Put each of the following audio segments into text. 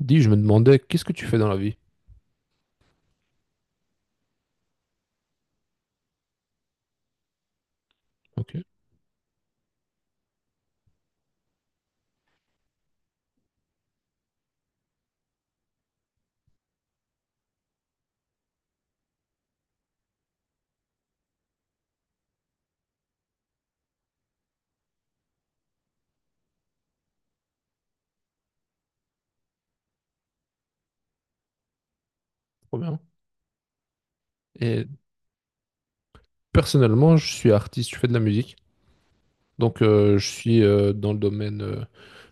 Dis, je me demandais, qu'est-ce que tu fais dans la vie? Ok. Trop bien. Et personnellement, je suis artiste, je fais de la musique. Donc, je suis dans le domaine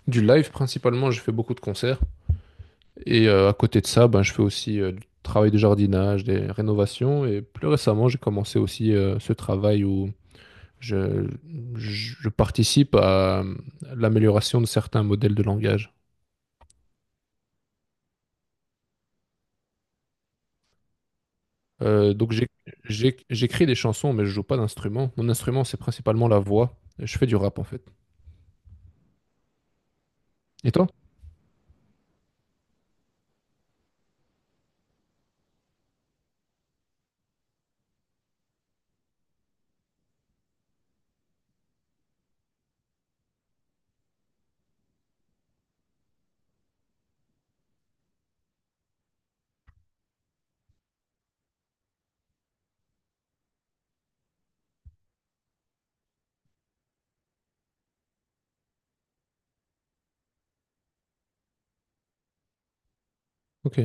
du live principalement. Je fais beaucoup de concerts. Et à côté de ça, ben, je fais aussi du travail de jardinage, des rénovations. Et plus récemment, j'ai commencé aussi ce travail où je, je participe à l'amélioration de certains modèles de langage. Donc j'écris des chansons, mais je joue pas d'instrument. Mon instrument, c'est principalement la voix. Je fais du rap en fait. Et toi? Ok,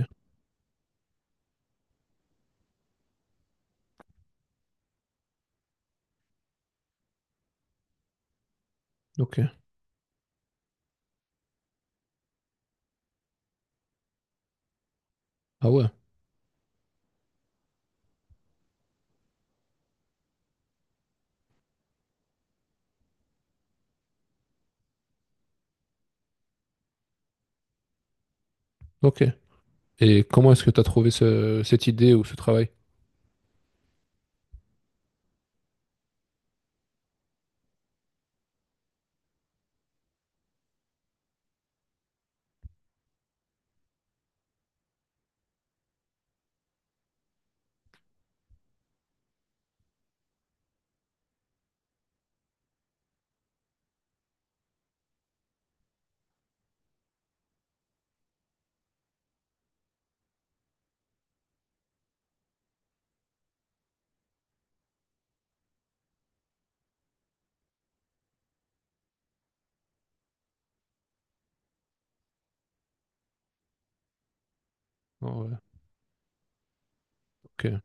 ok. Ah ouais, ok. Et comment est-ce que tu as trouvé cette idée ou ce travail? Ah ouais, ok.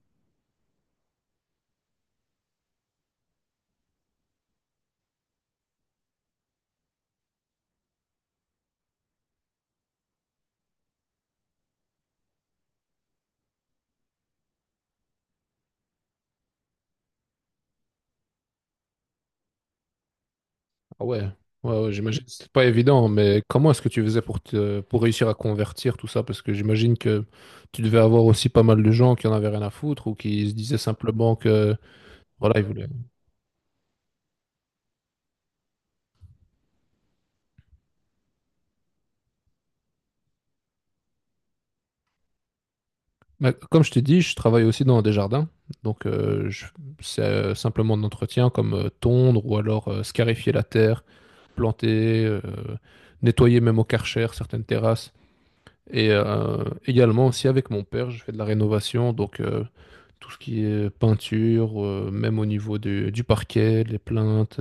Ah ouais, ouais, ouais, j'imagine que c'est pas évident, mais comment est-ce que tu faisais pour te, pour réussir à convertir tout ça? Parce que j'imagine que tu devais avoir aussi pas mal de gens qui en avaient rien à foutre ou qui se disaient simplement que voilà, il voulait. Mais comme je t'ai dit, je travaille aussi dans des jardins. Donc, c'est simplement de l'entretien comme tondre ou alors scarifier la terre, planter, nettoyer même au Karcher certaines terrasses. Et également aussi avec mon père, je fais de la rénovation. Donc, tout ce qui est peinture, même au niveau du parquet, les plinthes,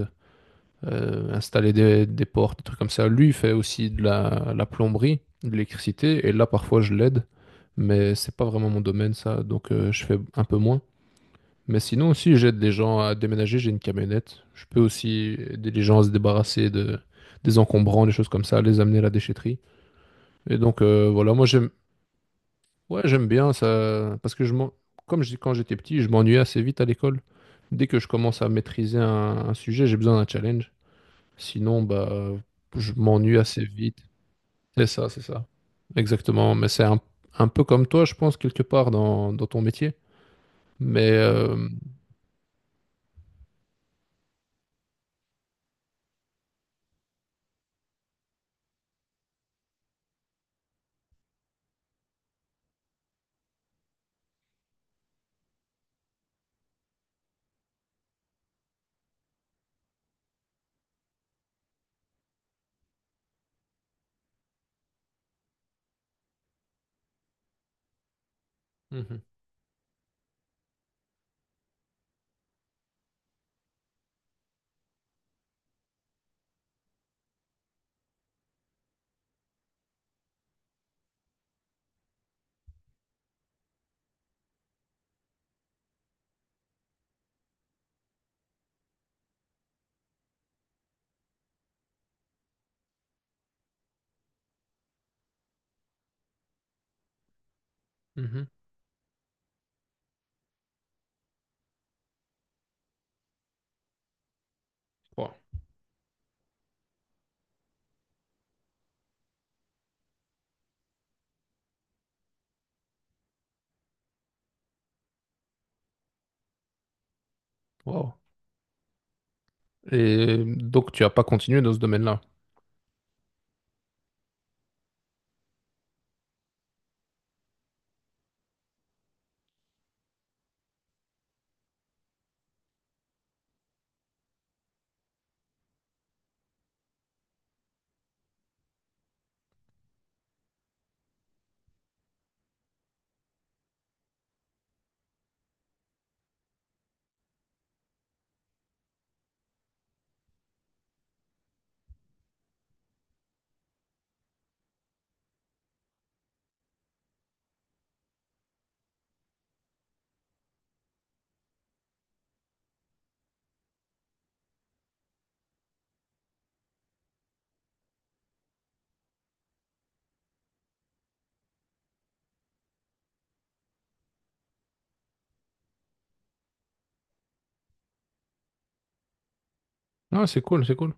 installer des portes, des trucs comme ça. Lui, il fait aussi de la plomberie, de l'électricité, et là, parfois, je l'aide, mais c'est pas vraiment mon domaine, ça, donc je fais un peu moins. Mais sinon aussi, j'aide des gens à déménager, j'ai une camionnette. Je peux aussi aider les gens à se débarrasser de, des encombrants, des choses comme ça, les amener à la déchetterie. Et donc, voilà, moi, j'aime ouais, j'aime bien ça, parce que comme je, quand j'étais petit, je m'ennuyais assez vite à l'école. Dès que je commence à maîtriser un sujet, j'ai besoin d'un challenge. Sinon, bah, je m'ennuie assez vite. C'est ça, c'est ça. Exactement. Mais c'est un peu comme toi, je pense, quelque part dans, dans ton métier. Mais... mhm, mhm. Wow. Wow. Et donc, tu n'as pas continué dans ce domaine-là. Ah, c'est cool, c'est cool.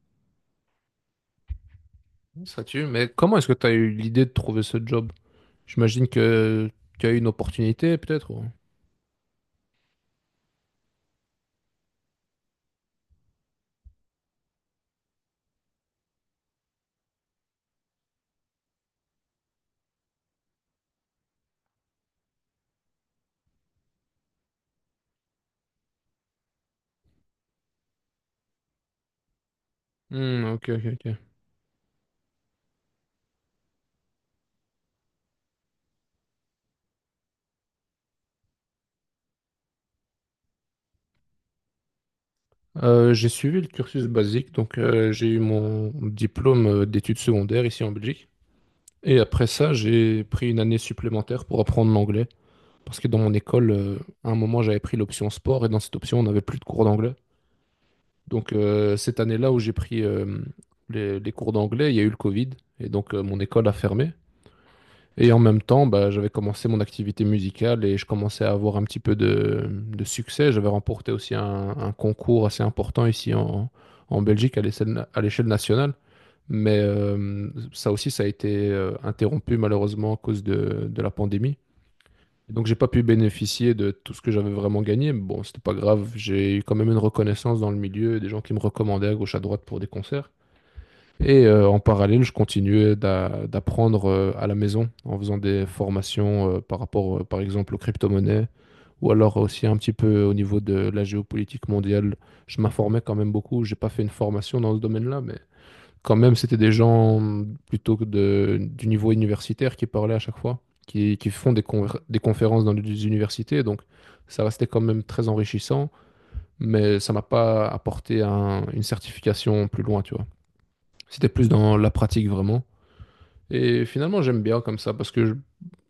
Ça tue. Mais comment est-ce que tu as eu l'idée de trouver ce job? J'imagine que tu as eu une opportunité, peut-être. Ou- Hmm, ok, ok, ok. J'ai suivi le cursus basique, donc j'ai eu mon diplôme d'études secondaires ici en Belgique. Et après ça, j'ai pris une année supplémentaire pour apprendre l'anglais. Parce que dans mon école, à un moment, j'avais pris l'option sport et dans cette option, on n'avait plus de cours d'anglais. Donc cette année-là où j'ai pris les cours d'anglais, il y a eu le Covid et donc mon école a fermé. Et en même temps, bah, j'avais commencé mon activité musicale et je commençais à avoir un petit peu de succès. J'avais remporté aussi un concours assez important ici en, en Belgique à l'échelle nationale. Mais ça aussi, ça a été interrompu malheureusement à cause de la pandémie. Et donc, j'ai pas pu bénéficier de tout ce que j'avais vraiment gagné, mais bon, c'était pas grave. J'ai eu quand même une reconnaissance dans le milieu, des gens qui me recommandaient à gauche à droite pour des concerts. Et en parallèle, je continuais d'apprendre à la maison en faisant des formations par rapport, par exemple, aux crypto-monnaies ou alors aussi un petit peu au niveau de la géopolitique mondiale. Je m'informais quand même beaucoup. J'ai pas fait une formation dans ce domaine-là, mais quand même, c'était des gens plutôt que de, du niveau universitaire qui parlaient à chaque fois, qui font des, des conférences dans des universités. Donc, ça restait quand même très enrichissant, mais ça m'a pas apporté une certification plus loin, tu vois. C'était plus dans la pratique vraiment. Et finalement, j'aime bien comme ça parce que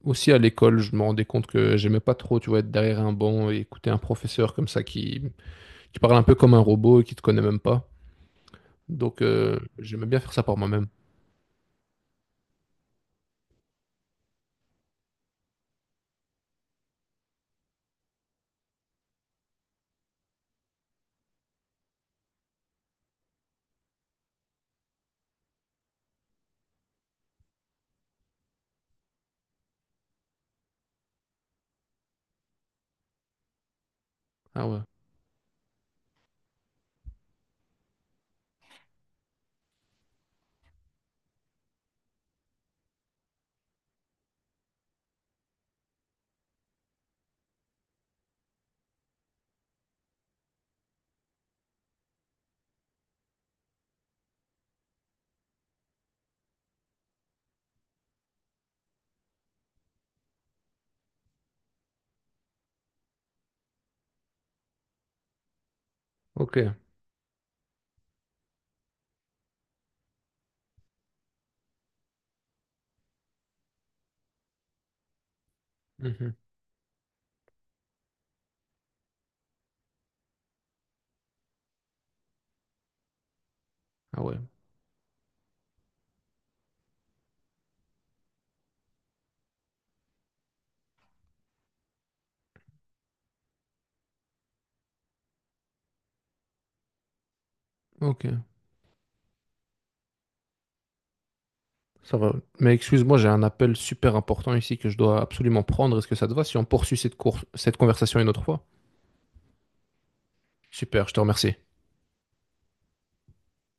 aussi à l'école, je me rendais compte que j'aimais pas trop, tu vois, être derrière un banc et écouter un professeur comme ça qui parle un peu comme un robot et qui te connaît même pas. Donc, j'aimais bien faire ça par moi-même. Ah ouais. Ok. Mhm. Ah ouais, ok, ça va. Mais excuse-moi, j'ai un appel super important ici que je dois absolument prendre. Est-ce que ça te va si on poursuit cette conversation une autre fois? Super, je te remercie.